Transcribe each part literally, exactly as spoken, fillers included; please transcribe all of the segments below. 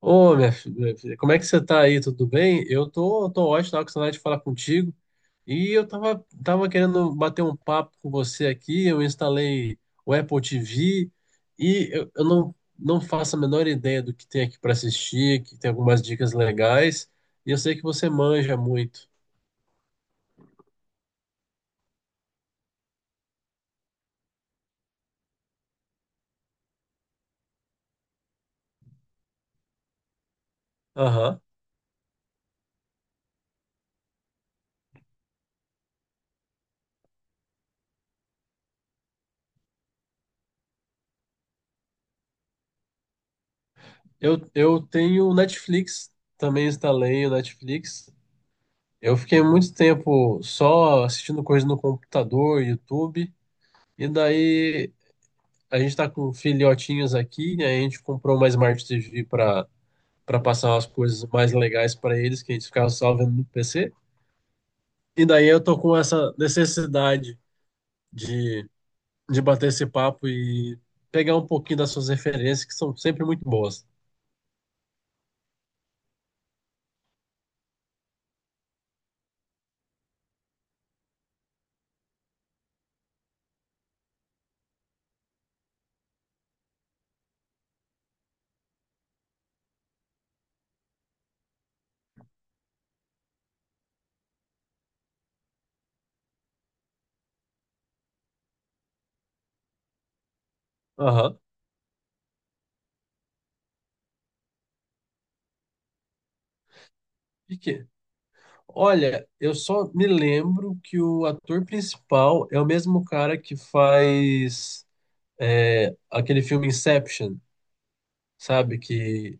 Ô, minha fi- minha filha, como é que você tá aí? Tudo bem? Eu tô, tô ótimo, tava com saudade de falar contigo. E eu tava, tava querendo bater um papo com você aqui. Eu instalei o Apple T V e eu, eu não, não faço a menor ideia do que tem aqui para assistir, que tem algumas dicas legais. E eu sei que você manja muito. Aham. Eu, eu tenho o Netflix, também instalei o Netflix. Eu fiquei muito tempo só assistindo coisas no computador, YouTube. E daí a gente tá com filhotinhos aqui, e aí a gente comprou uma Smart T V para para passar umas coisas mais legais para eles, que a gente ficava só vendo no P C. E daí eu tô com essa necessidade de, de bater esse papo e pegar um pouquinho das suas referências, que são sempre muito boas. Aham. E que? Olha, eu só me lembro que o ator principal é o mesmo cara que faz é, aquele filme Inception, sabe? Que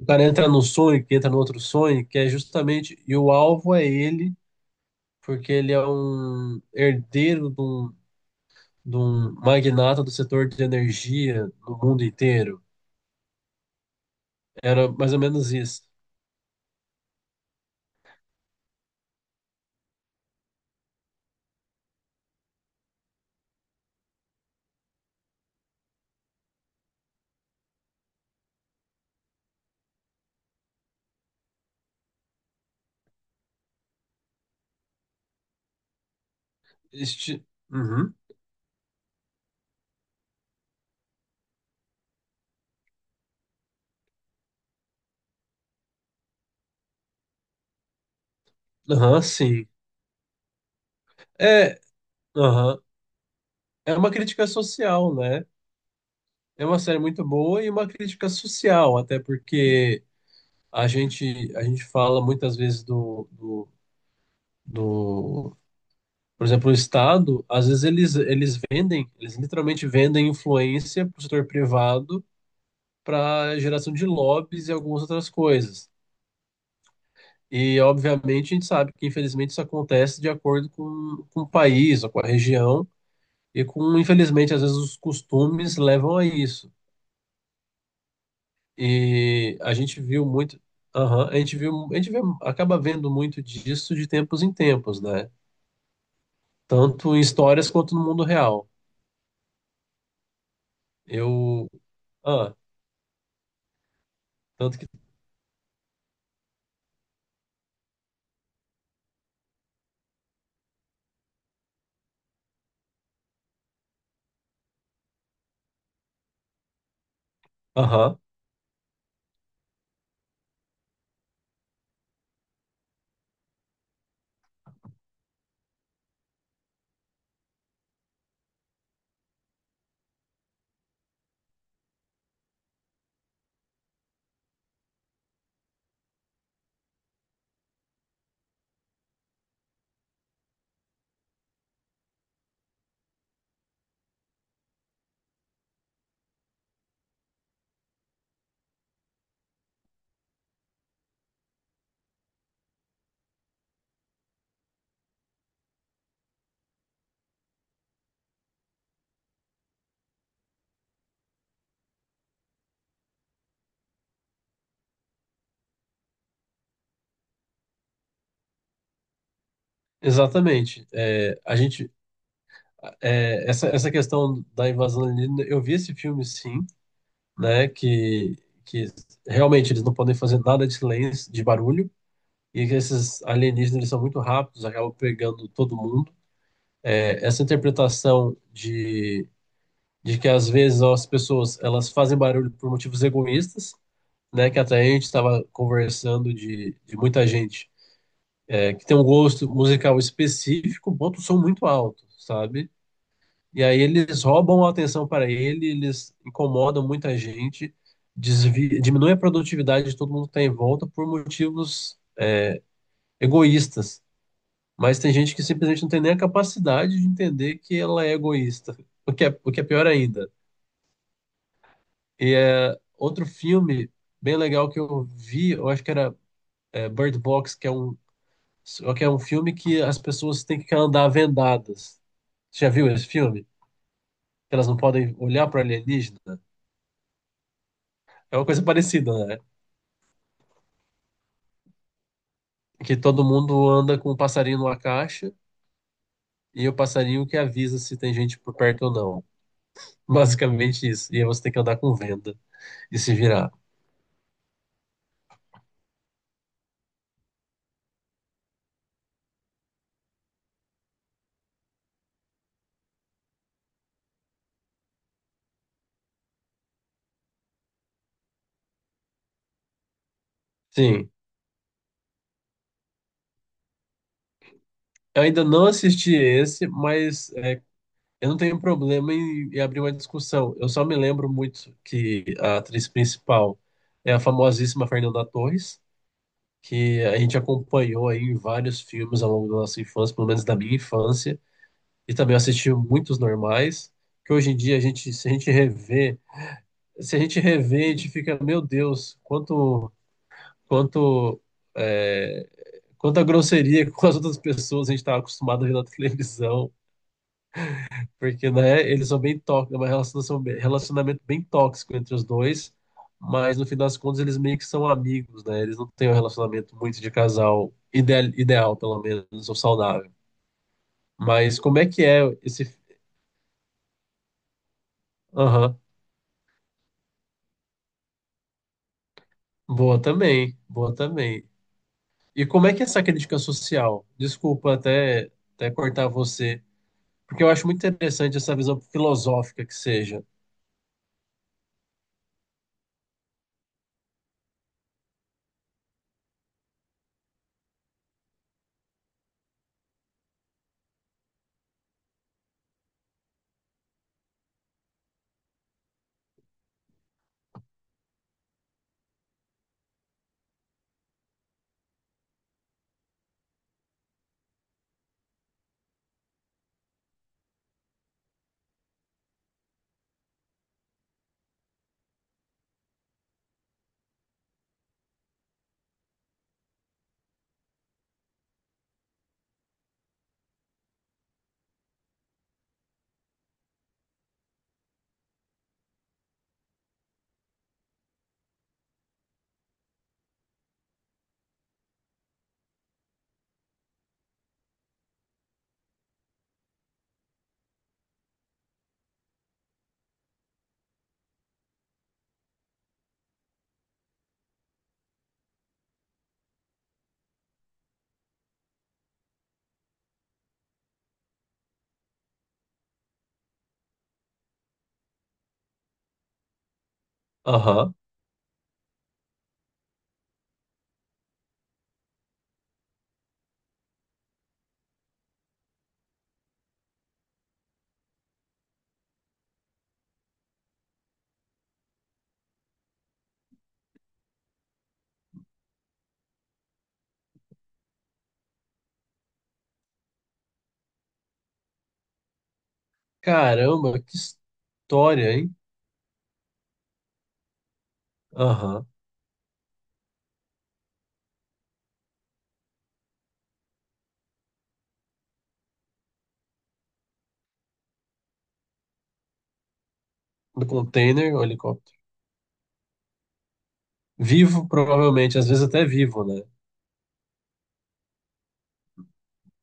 o cara entra num sonho, que entra no outro sonho, que é justamente. E o alvo é ele, porque ele é um herdeiro de um, de um magnata do setor de energia no mundo inteiro. Era mais ou menos isso. Este... Uhum. Aham, sim. É, aham. É uma crítica social, né? É uma série muito boa e uma crítica social, até porque a gente, a gente fala muitas vezes do, do, Por exemplo, o Estado, às vezes eles, eles vendem, eles literalmente vendem influência para o setor privado para geração de lobbies e algumas outras coisas. E, obviamente, a gente sabe que, infelizmente, isso acontece de acordo com, com o país ou com a região e com, infelizmente, às vezes os costumes levam a isso. E a gente viu muito, aham, a gente viu, a gente vê, acaba vendo muito disso de tempos em tempos, né? Tanto em histórias quanto no mundo real. Eu, ah, tanto que, aham. Exatamente. É, a gente, é, essa, essa questão da invasão alienígena, eu vi esse filme sim, né? Que, que realmente eles não podem fazer nada de silêncio, de barulho, e que esses alienígenas eles são muito rápidos, acabam pegando todo mundo. É, essa interpretação de, de que às vezes ó, as pessoas elas fazem barulho por motivos egoístas, né? Que até a gente estava conversando de, de muita gente é, que tem um gosto musical específico, bota o som muito alto, sabe? E aí eles roubam a atenção para ele, eles incomodam muita gente, desvi- diminui a produtividade de todo mundo que está em volta por motivos egoístas. Mas tem gente que simplesmente não tem nem a capacidade de entender que ela é egoísta, o que é, o que é pior ainda. E é outro filme bem legal que eu vi, eu acho que era é, Bird Box, que é um, que é um filme que as pessoas têm que andar vendadas. Você já viu esse filme? Que elas não podem olhar para alienígena? É uma coisa parecida, né? Que todo mundo anda com um passarinho numa caixa e o passarinho que avisa se tem gente por perto ou não. Basicamente isso. E aí você tem que andar com venda e se virar. Sim, eu ainda não assisti esse, mas é, eu não tenho problema em, em abrir uma discussão. Eu só me lembro muito que a atriz principal é a famosíssima Fernanda Torres, que a gente acompanhou aí em vários filmes ao longo da nossa infância, pelo menos da minha infância, e também assisti muitos normais, que hoje em dia a gente, se a gente rever se a gente revê, a gente fica, meu Deus, quanto, quanto, é, quanta grosseria com as outras pessoas a gente estava acostumado a ver na televisão, porque, né, eles são bem tóxicos, é um relacionação- relacionamento bem tóxico entre os dois, mas no fim das contas eles meio que são amigos, né, eles não têm um relacionamento muito de casal ideal, ideal pelo menos, ou saudável. Mas como é que é esse... Aham, boa também, boa também. E como é que é essa crítica social? Desculpa até, até cortar você, porque eu acho muito interessante essa visão filosófica que seja. Aham. Caramba, que história, hein? Aham. Do container ou helicóptero? Vivo, provavelmente, às vezes até vivo, né?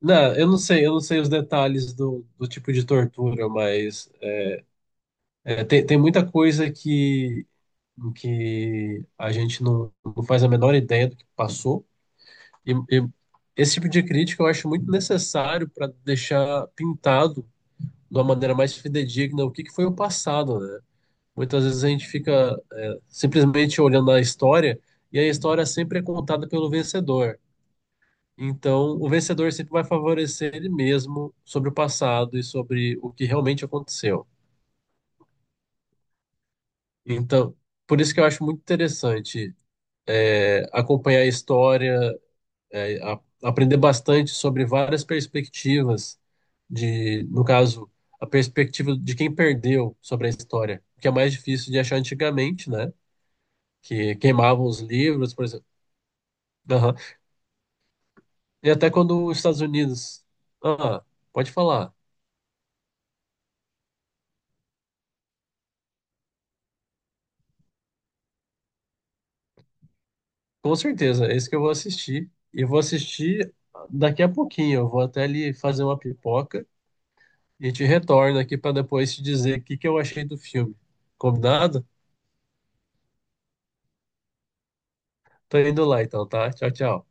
Não, eu não sei, eu não sei os detalhes do, do tipo de tortura, mas é, tem, tem muita coisa que, que a gente não, não faz a menor ideia do que passou. E, e esse tipo de crítica eu acho muito necessário para deixar pintado de uma maneira mais fidedigna o que que foi o passado, né? Muitas vezes a gente fica é, simplesmente olhando a história e a história sempre é contada pelo vencedor. Então, o vencedor sempre vai favorecer ele mesmo sobre o passado e sobre o que realmente aconteceu. Então, por isso que eu acho muito interessante é, acompanhar a história é, a- aprender bastante sobre várias perspectivas de, no caso, a perspectiva de quem perdeu sobre a história, que é mais difícil de achar antigamente, né? Que queimavam os livros, por exemplo. Aham. E até quando os Estados Unidos. Ah, pode falar. Com certeza, é esse que eu vou assistir. E vou assistir daqui a pouquinho. Eu vou até ali fazer uma pipoca e te retorno aqui para depois te dizer o que que eu achei do filme. Combinado? Tô indo lá então, tá? Tchau, tchau.